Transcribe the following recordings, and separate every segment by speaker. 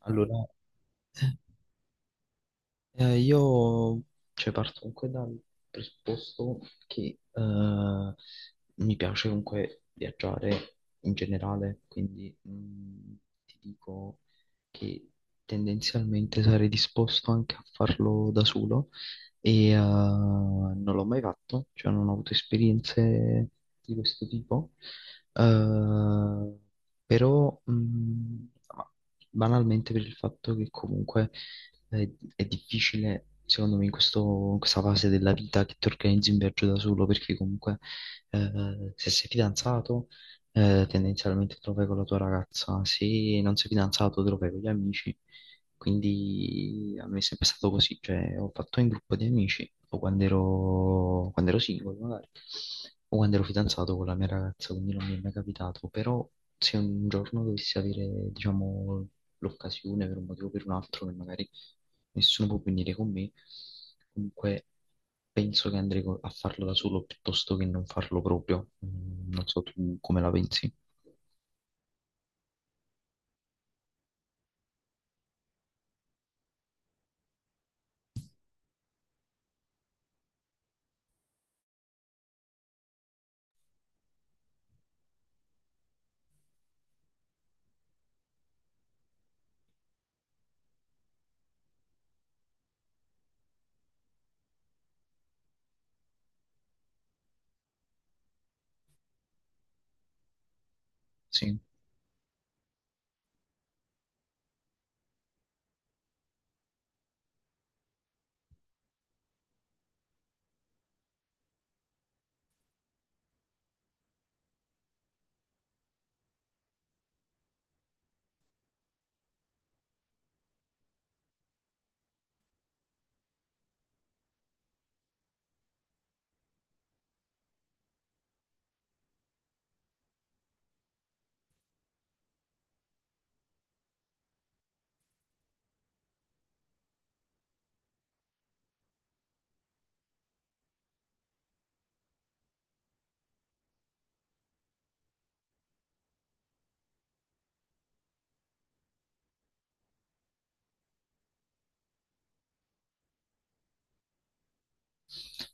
Speaker 1: Allora, io cioè, parto comunque dal presupposto che mi piace comunque viaggiare in generale, quindi ti dico che tendenzialmente sarei disposto anche a farlo da solo e non l'ho mai fatto, cioè non ho avuto esperienze di questo tipo. Eh, Però ma banalmente per il fatto che comunque è, è difficile, secondo me, in in questa fase della vita che ti organizzi un viaggio da solo, perché comunque se sei fidanzato, tendenzialmente te lo fai con la tua ragazza, se non sei fidanzato te lo fai con gli amici, quindi a me è sempre stato così, cioè ho fatto in gruppo di amici, o quando ero singolo magari, o quando ero fidanzato con la mia ragazza, quindi non mi è mai capitato, però se un giorno dovessi avere, diciamo, l'occasione per un motivo o per un altro, che magari nessuno può venire con me, comunque penso che a farlo da solo piuttosto che non farlo proprio. Mm, non so tu come la pensi. Sì.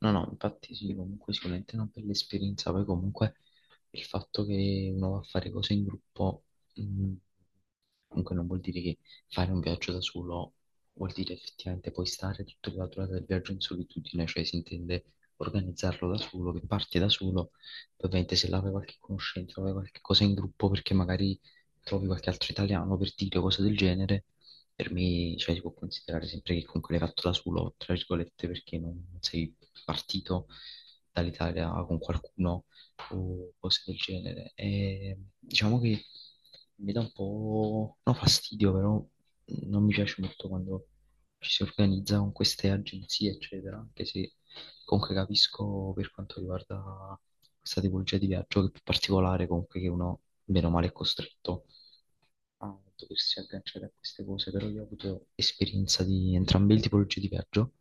Speaker 1: No, no, infatti sì, comunque sicuramente è una bella esperienza, poi comunque il fatto che uno va a fare cose in gruppo, mh, comunque non vuol dire che fare un viaggio da solo vuol dire effettivamente poi stare tutta la durata del viaggio in solitudine, cioè si intende organizzarlo da solo, che parti da solo, poi ovviamente se là vai qualche conoscente, vai qualche cosa in gruppo perché magari trovi qualche altro italiano per dire cose del genere, per me, cioè, si può considerare sempre che comunque l'hai fatto da solo, tra virgolette, perché non sei partito dall'Italia con qualcuno o cose del genere. E diciamo che mi dà un po', no, fastidio, però non mi piace molto quando ci si organizza con queste agenzie, eccetera, anche se comunque capisco per quanto riguarda questa tipologia di viaggio che è più particolare, comunque che uno, meno male, è costretto a doversi agganciare a queste cose, però io ho avuto esperienza di entrambe le tipologie di viaggio,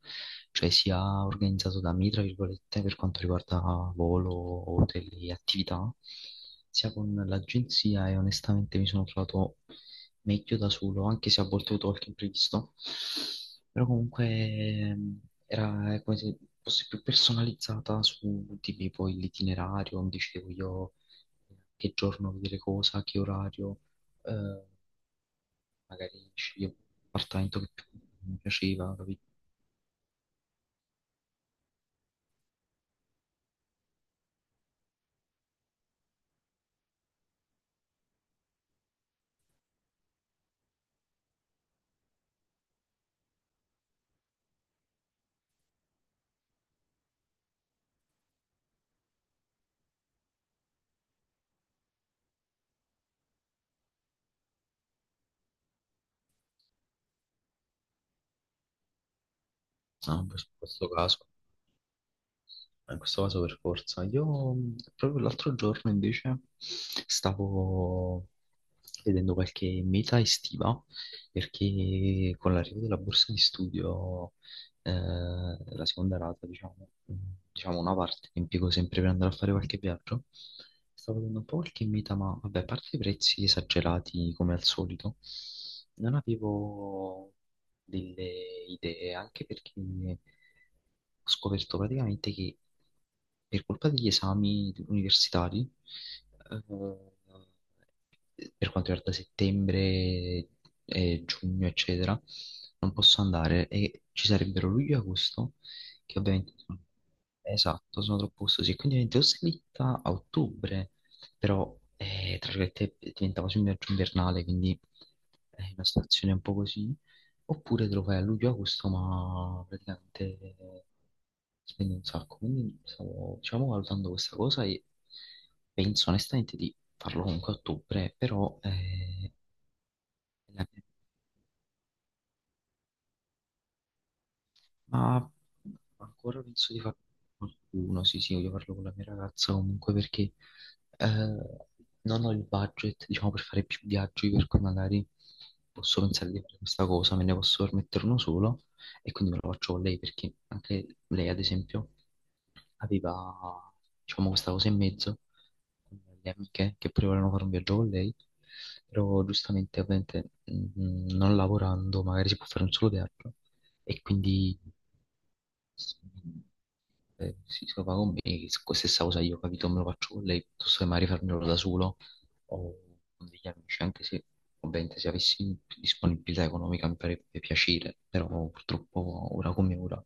Speaker 1: cioè sia organizzato da me, tra virgolette, per quanto riguarda volo, hotel e attività, sia con l'agenzia e onestamente mi sono trovato meglio da solo, anche se a volte ho avuto qualche imprevisto, però comunque era come se fosse più personalizzata su di me, poi l'itinerario, mi dicevo io che giorno vedere cosa, che orario. eh, Magari sceglievo un appartamento che più mi piaceva, capito? No, questo caso, in questo caso per forza. Io proprio l'altro giorno invece stavo vedendo qualche meta estiva perché con l'arrivo della borsa di studio, la seconda rata, diciamo, mh, diciamo una parte che impiego sempre per andare a fare qualche viaggio. Stavo vedendo un po' qualche meta, ma vabbè, a parte i prezzi esagerati come al solito, non avevo delle idee, anche perché ho scoperto praticamente che per colpa degli esami universitari, eh, per quanto riguarda settembre e giugno, eccetera, non posso andare e ci sarebbero luglio e agosto, che ovviamente sono, esatto, sono troppo costosi, e quindi ovviamente ho slitta a ottobre, però tra virgolette diventa quasi un viaggio invernale, quindi è una situazione un po' così. Oppure te lo fai a luglio-agosto, ma praticamente spendi un sacco. Quindi stavo, diciamo, valutando questa cosa e penso onestamente di farlo comunque a ottobre, però la- ma ancora penso di farlo con qualcuno, sì, sì, voglio farlo con la mia ragazza comunque perché eh, non ho il budget, diciamo, per fare più viaggi, per cui magari posso pensare di fare questa cosa, me ne posso permettere uno solo e quindi me lo faccio con lei perché anche lei, ad esempio, aveva, diciamo, questa cosa in mezzo con le amiche che pure volevano fare un viaggio con lei, però giustamente, ovviamente, non lavorando magari si può fare un solo viaggio e quindi s- si trova con me, stessa cosa io, capito, me lo faccio con lei, piuttosto che magari farmelo da solo o con degli amici, anche se ovviamente se avessi disponibilità economica mi farebbe piacere, però purtroppo ora come ora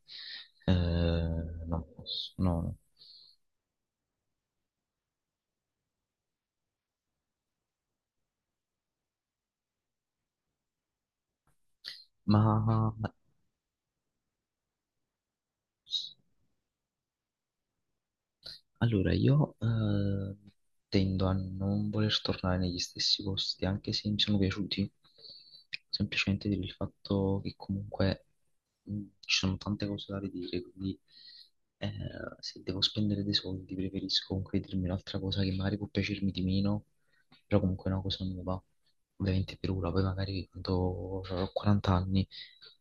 Speaker 1: eh, non posso, no, no. Ma Allora, io tendo a non voler tornare negli stessi posti, anche se mi sono piaciuti, semplicemente per il fatto che comunque ci sono tante cose da vedere, quindi eh, se devo spendere dei soldi preferisco comunque vedermi un'altra cosa che magari può piacermi di meno, però comunque è una cosa nuova, ovviamente per ora, poi magari quando avrò 40 anni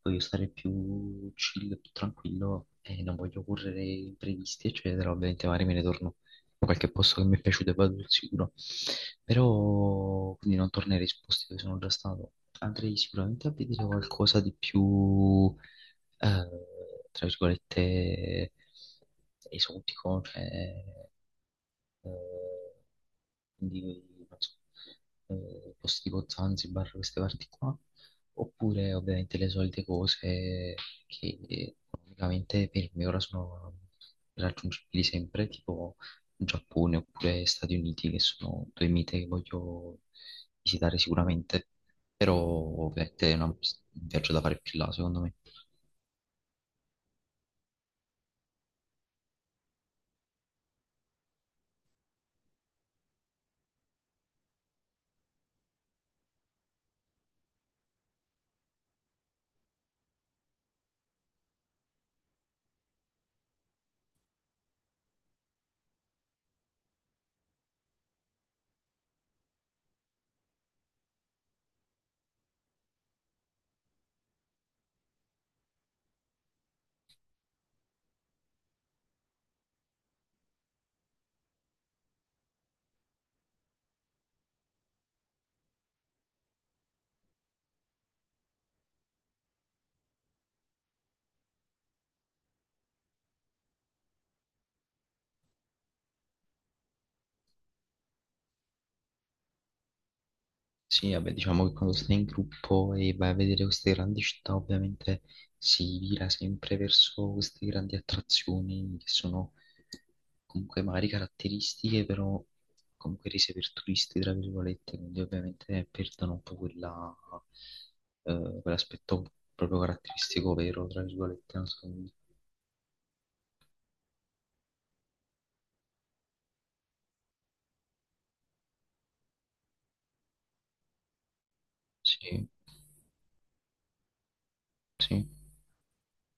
Speaker 1: voglio stare più chill, più tranquillo e non voglio correre imprevisti, eccetera. Ovviamente magari me ne torno a qualche posto che mi è piaciuto e vado sul sicuro. Però quindi non tornerei su posti dove sono già stato. Andrei sicuramente a vedere qualcosa di più, eh, tra virgolette, esotico, eh, quindi non so, posti tipo Zanzibar, queste parti qua, oppure ovviamente le solite cose che economicamente per me ora sono raggiungibili sempre, tipo Giappone oppure Stati Uniti, che sono due mite che voglio visitare sicuramente, però ovviamente è un viaggio da fare più là, secondo me. Sì, vabbè, diciamo che quando stai in gruppo e vai a vedere queste grandi città, ovviamente si vira sempre verso queste grandi attrazioni che sono comunque magari caratteristiche, però comunque rese per turisti, tra virgolette, quindi ovviamente perdono un po' quella, quell'aspetto proprio caratteristico vero, tra virgolette, non so, come dire. Sì, sì.